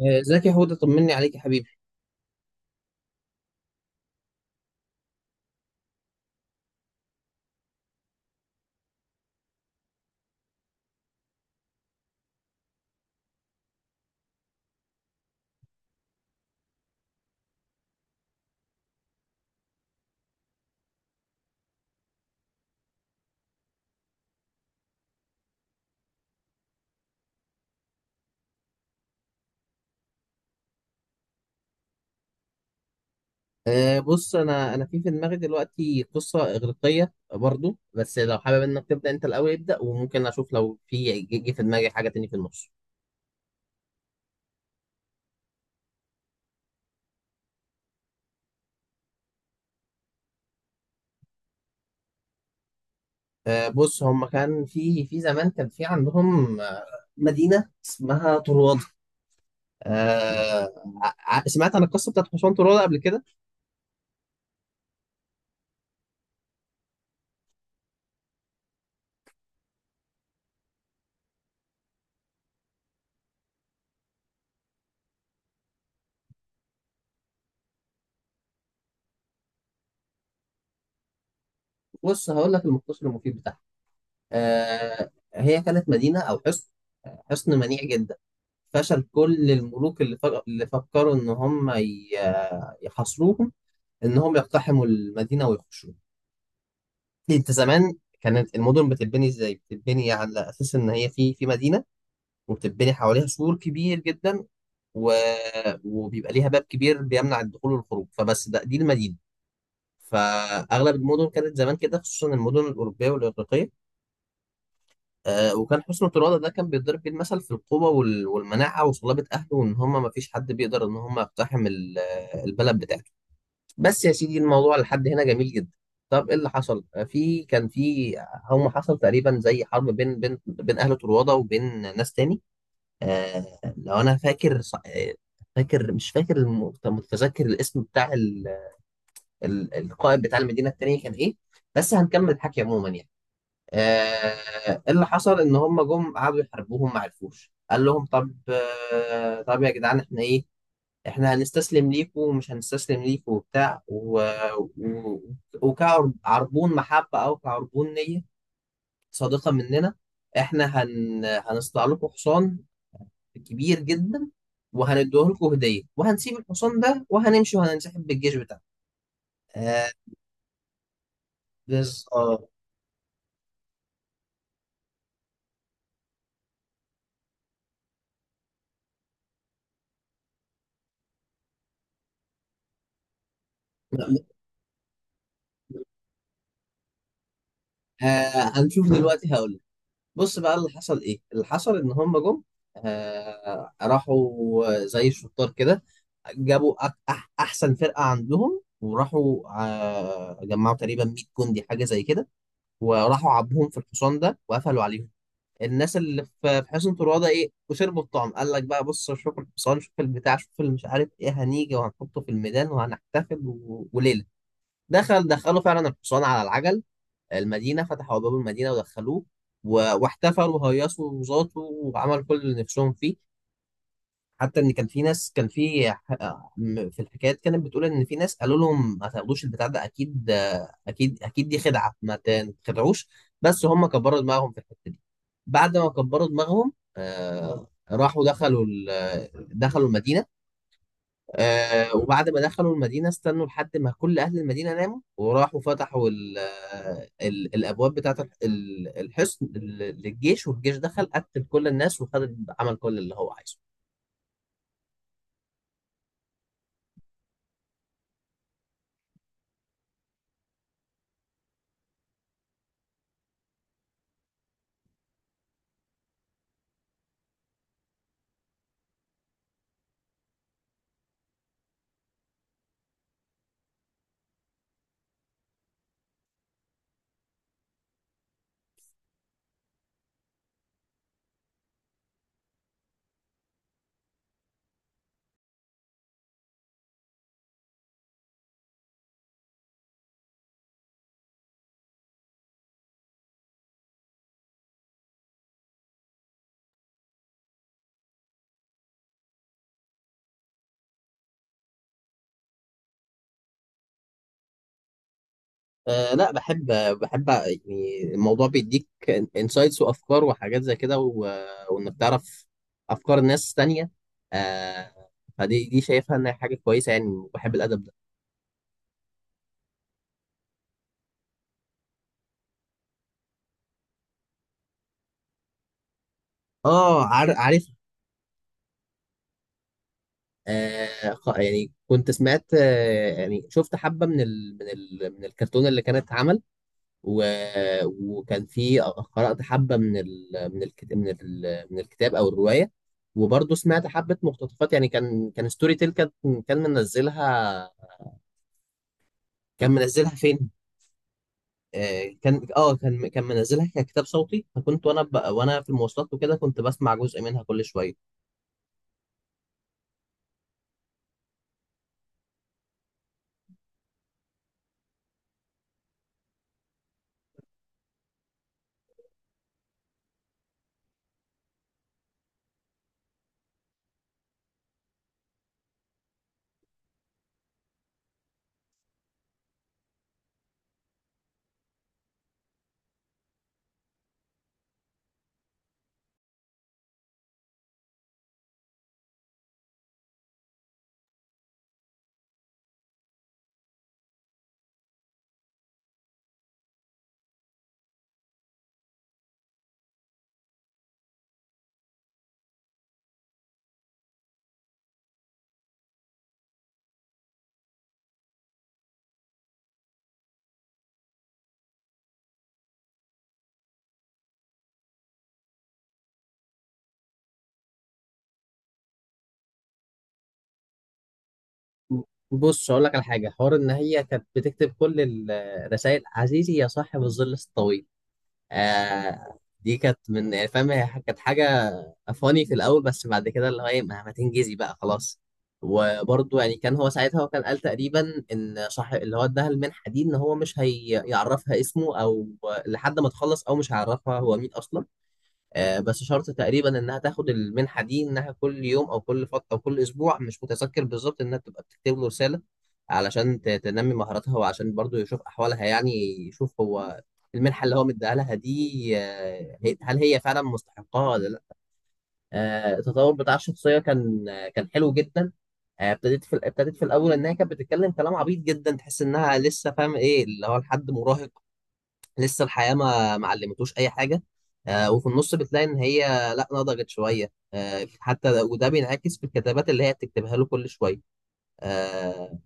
ازيك يا هدى، طمني عليك يا حبيبي. بص، انا في دماغي دلوقتي قصه اغريقيه برضو، بس لو حابب انك تبدا انت الاول ابدا، وممكن اشوف لو في جه جه في دماغي حاجه تاني في النص. بص، هم كان في زمان كان في عندهم مدينه اسمها طروادة. آه، سمعت عن القصه بتاعت حصان طروادة قبل كده. بص هقول لك المختصر المفيد بتاعها. آه، هي كانت مدينة أو حصن، حصن منيع جدا. فشل كل الملوك اللي فكروا إن يحاصروهم، إن هم يقتحموا المدينة ويخشوها. أنت زمان كانت المدن بتتبني إزاي؟ بتتبني على أساس إن هي في مدينة، وبتتبني حواليها سور كبير جدا، و... وبيبقى ليها باب كبير بيمنع الدخول والخروج، فبس ده دي المدينة. فأغلب المدن كانت زمان كده، خصوصا المدن الأوروبية والإغريقية. آه، وكان حسن ترادة ده كان بيتضرب بيه المثل في القوة والمناعة وصلابة أهله، وإن هما مفيش حد بيقدر إن هما يقتحم البلد بتاعته. بس يا سيدي الموضوع لحد هنا جميل جدا. طب إيه اللي حصل؟ آه، في كان في هم، حصل تقريبا زي حرب بين أهل ترادة وبين ناس تاني. آه، لو أنا فاكر ص- آه، فاكر مش فاكر الم- متذكر الاسم بتاع القائد بتاع المدينة التانية كان إيه. بس هنكمل الحكي عموما يعني. آه، اللي حصل ان هم جم قعدوا يحاربوهم، ما عرفوش. قال لهم طب، طب يا جدعان احنا ايه، احنا هنستسلم ليكوا ومش هنستسلم ليكوا وبتاع و... وكعربون محبة او كعربون نية صادقة مننا، احنا هنصنع لكم حصان كبير جدا، وهنديه لكم هدية، وهنسيب الحصان ده وهنمشي وهننسحب بالجيش بتاعنا. آه. بس اه، هنشوف دلوقتي هقول. بص بقى اللي حصل، ايه اللي حصل؟ ان هم جم، آه، راحوا زي الشطار كده، جابوا أك أح احسن فرقة عندهم، وراحوا آه جمعوا تقريبا 100 جندي حاجة زي كده، وراحوا عبوهم في الحصان ده وقفلوا عليهم. الناس اللي في حصن طروادة ايه، وشربوا الطعم. قال لك بقى، بص شوف الحصان، شوف البتاع، شوف اللي مش عارف ايه، هنيجي وهنحطه في الميدان وهنحتفل وليلة. دخلوا فعلا الحصان على العجل المدينة، فتحوا أبواب المدينة ودخلوه، واحتفلوا وهيصوا وزاتوا وعملوا كل اللي نفسهم فيه. حتى إن كان في ناس، كان في ح- م- في الحكايات كانت بتقول إن في ناس قالوا لهم ما تاخدوش البتاع ده، أكيد أكيد، أكيد دي خدعة، ما تخدعوش. بس هم كبروا دماغهم في الحتة دي. بعد ما كبروا دماغهم، آه، راحوا دخلوا المدينة. آه، وبعد ما دخلوا المدينة، استنوا لحد ما كل أهل المدينة ناموا، وراحوا فتحوا ال آه، ال الأبواب بتاعة الحصن للجيش، والجيش دخل قتل كل الناس وخد عمل كل اللي هو عايزه. آه، لا بحب، بحب. يعني الموضوع بيديك انسايتس وأفكار وحاجات زي كده، وإنك تعرف أفكار ناس تانية. آه، فدي شايفها إنها حاجة كويسة يعني، وبحب الأدب ده. اه، عارف. يعني كنت سمعت، آه يعني شفت حبة من ال من ال من الكرتون اللي كانت اتعمل، وكان في قرأت حبة من ال من الكتاب من الكتاب أو الرواية، وبرضه سمعت حبة مقتطفات. يعني كان ستوري تيل، كان منزلها كان منزلها فين؟ آه، كان اه كان كان منزلها ككتاب صوتي، فكنت وانا في المواصلات وكده كنت بسمع جزء منها كل شوية. بص اقول لك على حاجه حوار، ان هي كانت بتكتب كل الرسائل، عزيزي يا صاحب الظل الطويل. آه، دي كانت من، يعني فاهم، هي كانت حاجه فاني في الاول، بس بعد كده اللي هو ايه، ما تنجزي بقى خلاص. وبرضه يعني كان هو ساعتها، هو كان قال تقريبا ان صاحب، اللي هو اداها المنحه دي، ان هو مش هيعرفها اسمه او لحد ما تخلص، او مش هيعرفها هو مين اصلا. آه، بس شرط تقريبا انها تاخد المنحه دي، انها كل يوم او كل فتره او كل اسبوع، مش متذكر بالظبط، انها تبقى بتكتب له رساله علشان تنمي مهاراتها، وعشان برضو يشوف احوالها يعني. يشوف هو المنحه اللي هو مديها لها دي، آه، هل هي فعلا مستحقاها ولا لا. آه، التطور بتاع الشخصيه كان، آه، كان حلو جدا. آه، ابتديت في الاول، انها كانت بتتكلم كلام عبيط جدا، تحس انها لسه، فاهم ايه اللي هو، لحد مراهق لسه الحياة ما علمتوش أي حاجة. آه، وفي النص بتلاقي إن هي لأ، نضجت شوية، آه، حتى وده بينعكس في الكتابات اللي هي بتكتبها له كل شوية. آه.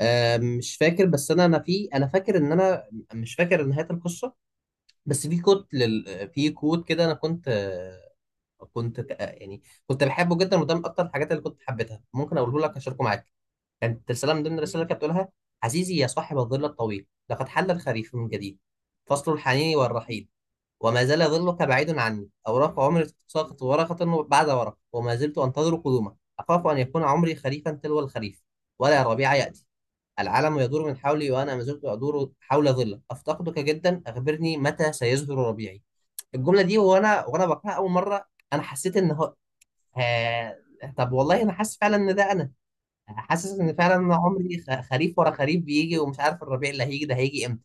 آه، مش فاكر. بس أنا، أنا في أنا فاكر إن أنا مش فاكر نهاية القصة، بس في كود في كود كده. أنا كنت، يعني كنت بحبه جدا، وده من أكتر الحاجات اللي كنت حبيتها. ممكن أقوله لك أشاركه معاك. كانت رسالة من ضمن الرسائل اللي كانت بتقولها، عزيزي يا صاحب الظل الطويل، لقد حل الخريف من جديد، فصل الحنين والرحيل، وما زال ظلك بعيد عني، أوراق عمري تتساقط ورقة بعد ورقة، وما زلت أنتظر قدومك، أخاف أن يكون عمري خريفا تلو الخريف، ولا الربيع يأتي، العالم يدور من حولي، وأنا ما زلت أدور حول ظلك، أفتقدك جدا، أخبرني متى سيزهر ربيعي. الجملة دي وأنا، بقراها أول مرة، أنا حسيت إن هو، آه... طب والله أنا حاسس فعلا إن ده، أنا حاسس ان فعلا انا عمري خريف ورا خريف بيجي، ومش عارف الربيع اللي هيجي ده هيجي امتى.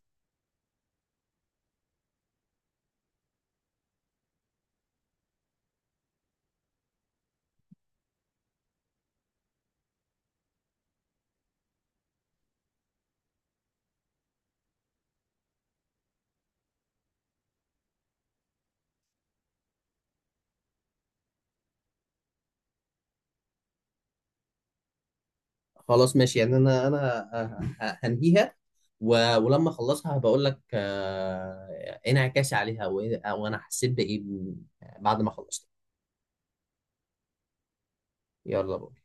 خلاص ماشي، يعني هنهيها، ولما اخلصها هبقول لك، آه، ايه انعكاسي عليها، وانا حسيت بايه بعد ما خلصت. يلا بقى.